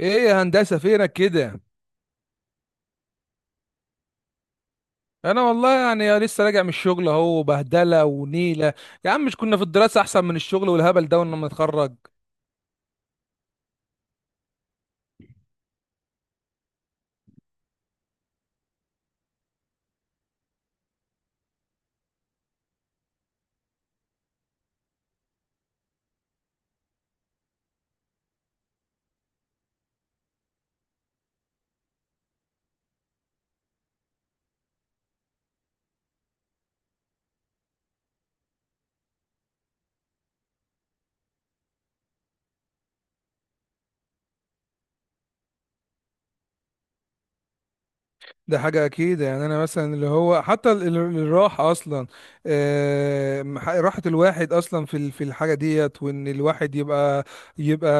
ايه يا هندسه فينك كده؟ انا والله لسه راجع من الشغل اهو بهدله ونيله. يا عم مش كنا في الدراسه احسن من الشغل والهبل ده ولما نتخرج؟ ده حاجة أكيد، يعني أنا مثلا اللي هو حتى الراحة أصلا، راحة الواحد أصلا في في الحاجة ديت، وإن الواحد يبقى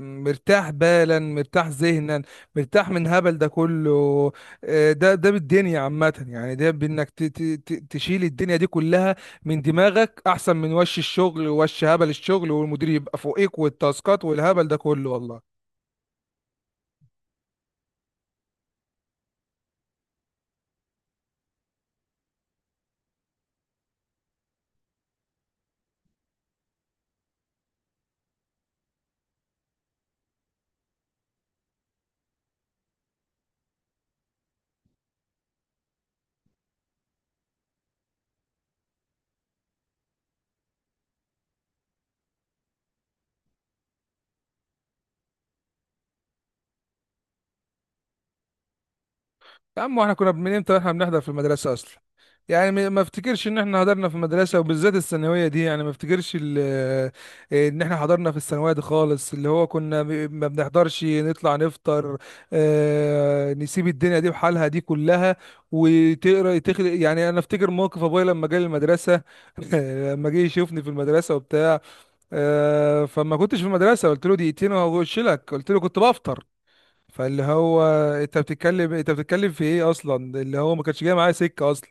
مرتاح بالا، مرتاح ذهنا، مرتاح من هبل ده كله. ده بالدنيا عامة، يعني ده بإنك تشيل الدنيا دي كلها من دماغك أحسن من وش الشغل ووش هبل الشغل والمدير يبقى فوقيك والتاسكات والهبل ده كله والله. يا عم، واحنا كنا من امتى احنا بنحضر في المدرسه اصلا؟ يعني ما افتكرش ان احنا حضرنا في المدرسه، وبالذات الثانويه دي، يعني ما افتكرش ان احنا حضرنا في الثانويه دي خالص. اللي هو كنا ما بنحضرش، نطلع نفطر، نسيب الدنيا دي بحالها دي كلها وتقرا تخلق. يعني انا افتكر موقف ابويا لما جه المدرسه لما جه يشوفني في المدرسه وبتاع، فما كنتش في المدرسه، قلت له دقيقتين وهخش لك، قلت له كنت بفطر. فاللي هو انت بتتكلم في ايه اصلا؟ اللي هو ما كانش جاي معايا سكه اصلا.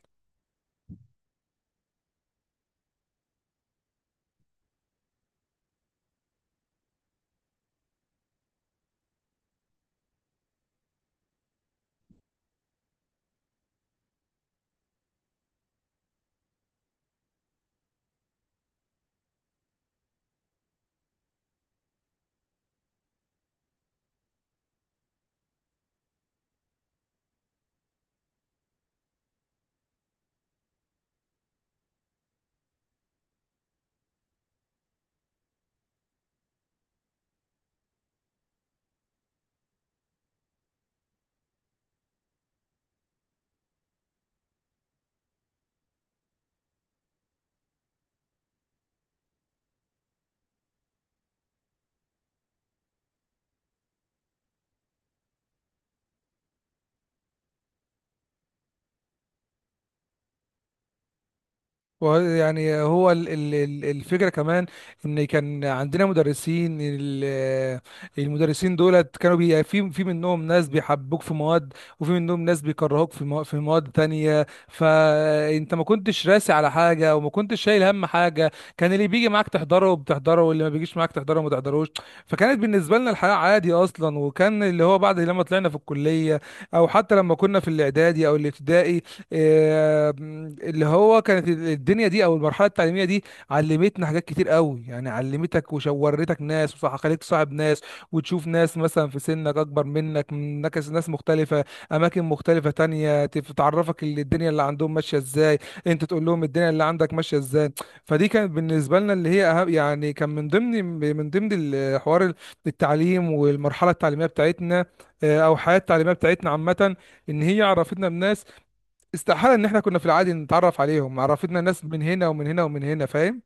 ويعني هو الفكرة كمان ان كان عندنا مدرسين المدرسين دولت كانوا بي، يعني في في منهم ناس بيحبوك في مواد، وفي منهم ناس بيكرهوك في في مواد تانية. فانت ما كنتش راسي على حاجة وما كنتش شايل هم حاجة، كان اللي بيجي معاك تحضره بتحضره واللي ما بيجيش معاك تحضره ما تحضروش. فكانت بالنسبة لنا الحياة عادي اصلا، وكان اللي هو بعد لما طلعنا في الكلية، او حتى لما كنا في الاعدادي او الابتدائي، آه، اللي هو كانت الدنيا دي او المرحله التعليميه دي علمتنا حاجات كتير قوي، يعني علمتك وشورتك ناس وخليك صاحب ناس، وتشوف ناس مثلا في سنك اكبر منك، من ناس مختلفه، اماكن مختلفه تانية، تعرفك اللي الدنيا اللي عندهم ماشيه ازاي، انت تقول لهم الدنيا اللي عندك ماشيه ازاي. فدي كانت بالنسبه لنا اللي هي أهم، يعني كان من ضمن من ضمن الحوار، التعليم والمرحله التعليميه بتاعتنا، آه، او الحياه التعليميه بتاعتنا عامه، ان هي عرفتنا بناس استحالة ان احنا كنا في العادي نتعرف عليهم، عرفتنا ناس من هنا ومن هنا ومن هنا، فاهم؟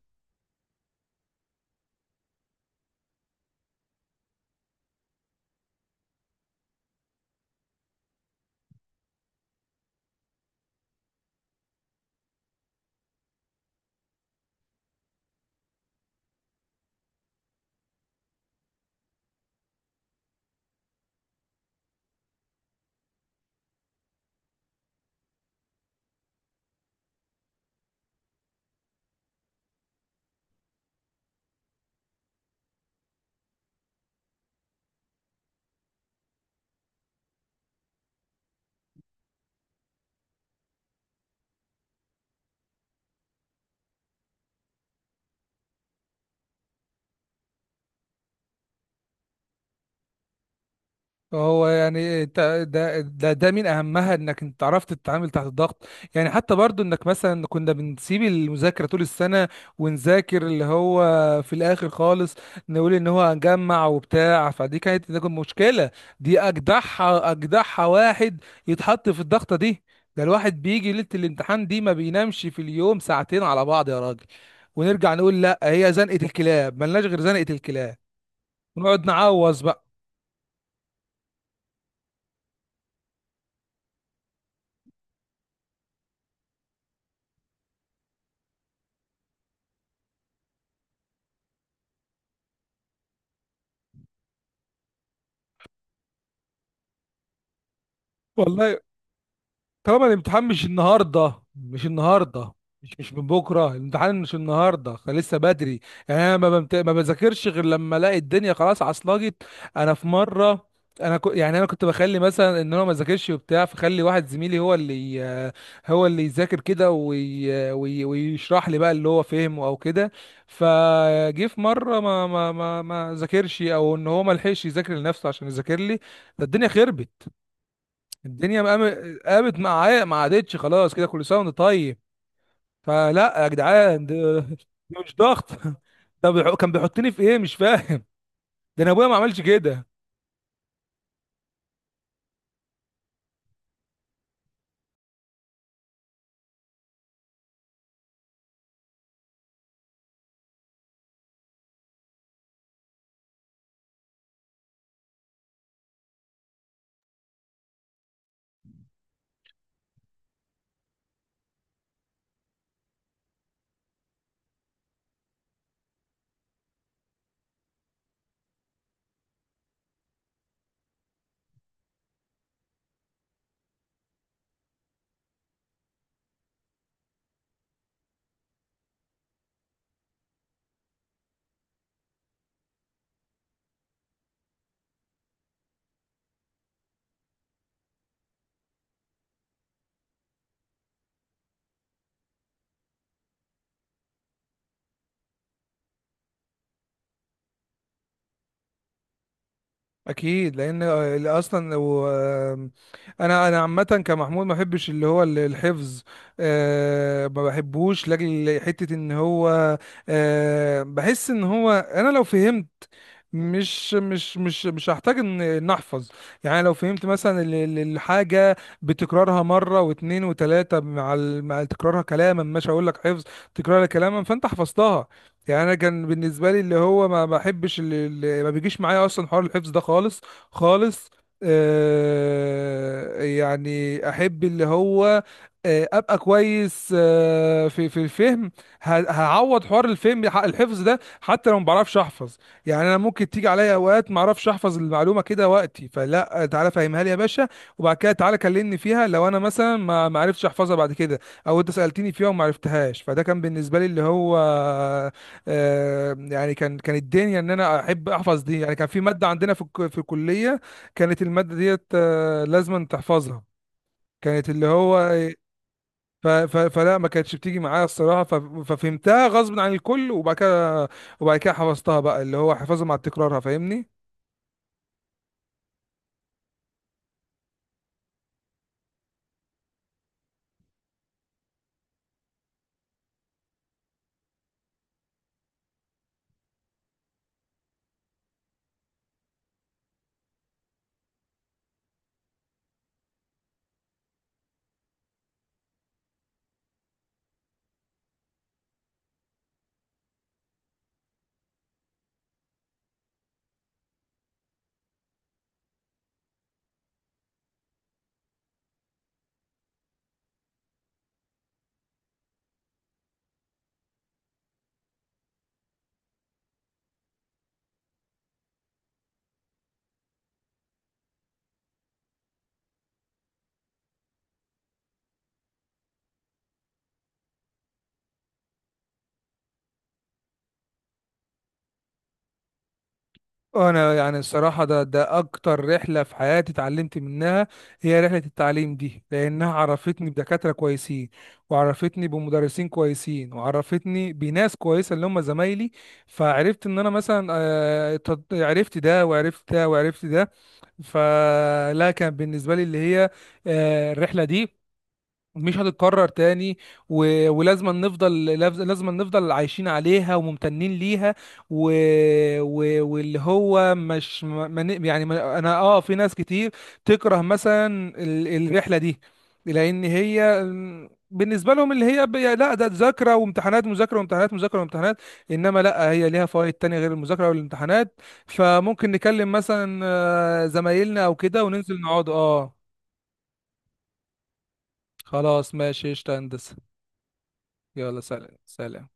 هو يعني انت ده من اهمها انك انت عرفت تتعامل تحت الضغط. يعني حتى برضو انك مثلا كنا بنسيب المذاكره طول السنه ونذاكر اللي هو في الاخر خالص، نقول ان هو هنجمع وبتاع. فدي كانت، ده كانت مشكله، دي اجدعها، واحد يتحط في الضغطه دي. ده الواحد بيجي ليله الامتحان دي ما بينامش في اليوم ساعتين على بعض يا راجل. ونرجع نقول لا هي زنقه الكلاب، ملناش غير زنقه الكلاب. ونقعد نعوز بقى. والله طبعا الامتحان مش النهارده، مش النهارده. مش من بكره، الامتحان مش النهارده، لسه بدري. يعني انا ما بذاكرش غير لما الاقي الدنيا خلاص عصلجت. انا في مره، انا ك... يعني انا كنت بخلي مثلا ان انا ما ذاكرش وبتاع، فخلي واحد زميلي هو هو اللي يذاكر كده ويشرح لي بقى اللي هو فهمه او كده. فجه في مره ما ذاكرش، او ان هو ما لحقش يذاكر لنفسه عشان يذاكر لي. ده الدنيا خربت، الدنيا قامت معايا، ما عادتش خلاص، كده كل سنه وانت طيب. فلا يا جدعان، ده ده مش ضغط؟ طب كان بيحطني في ايه مش فاهم؟ ده انا ابويا ما عملش كده. اكيد، لان اصلا لو، انا عامه كمحمود ما بحبش اللي هو الحفظ، أه ما بحبوش لاجل حته ان هو، أه بحس ان هو انا لو فهمت مش هحتاج إن احفظ. يعني لو فهمت مثلا الحاجه بتكرارها مره واتنين وتلاته، مع مع تكرارها كلاما، مش هقول لك حفظ، تكرارها كلاما فانت حفظتها. يعني انا كان بالنسبه لي اللي هو ما بحبش اللي ما بيجيش معايا اصلا حوار الحفظ ده خالص، خالص. آه يعني احب اللي هو، آه ابقى كويس آه في الفهم. هعوض حوار الفهم، الحفظ ده حتى لو ما بعرفش احفظ. يعني انا ممكن تيجي عليا اوقات ما اعرفش احفظ المعلومه كده وقتي، فلا تعالى فهمها لي يا باشا، وبعد كده تعالى كلمني فيها لو انا مثلا ما عرفتش احفظها بعد كده، او انت سالتني فيها وما عرفتهاش. فده كان بالنسبه لي اللي هو، آه، يعني كان الدنيا ان انا احب احفظ دي. يعني كان في ماده عندنا في في الكليه، كانت الماده ديت آه، لازم تحفظها، كانت اللي هو، فلا ما كانتش بتيجي معايا الصراحه، ففهمتها غصب عن الكل، وبعد كده حفظتها بقى، اللي هو حفظها مع تكرارها، فاهمني؟ انا يعني الصراحه ده اكتر رحله في حياتي اتعلمت منها، هي رحله التعليم دي، لانها عرفتني بدكاتره كويسين، وعرفتني بمدرسين كويسين، وعرفتني بناس كويسه اللي هم زمايلي. فعرفت ان انا مثلا آه، عرفت ده وعرفت ده وعرفت ده. فلا كان بالنسبه لي اللي هي آه، الرحله دي مش هتتكرر تاني. و... ولازم نفضل، لازم نفضل عايشين عليها وممتنين ليها. و... و... واللي هو مش ما... ما ن- يعني ما... انا اه في ناس كتير تكره مثلا الرحلة دي، لان هي م، بالنسبة لهم اللي هي لا ده ذاكرة وامتحانات، مذاكرة وامتحانات، مذاكرة وامتحانات. انما لا، هي ليها فوائد تانية غير المذاكرة والامتحانات. فممكن نكلم مثلا آه، زمايلنا او كده وننزل نقعد اه. خلاص ماشي قشطة يا هندسة، يلا سلام سلام.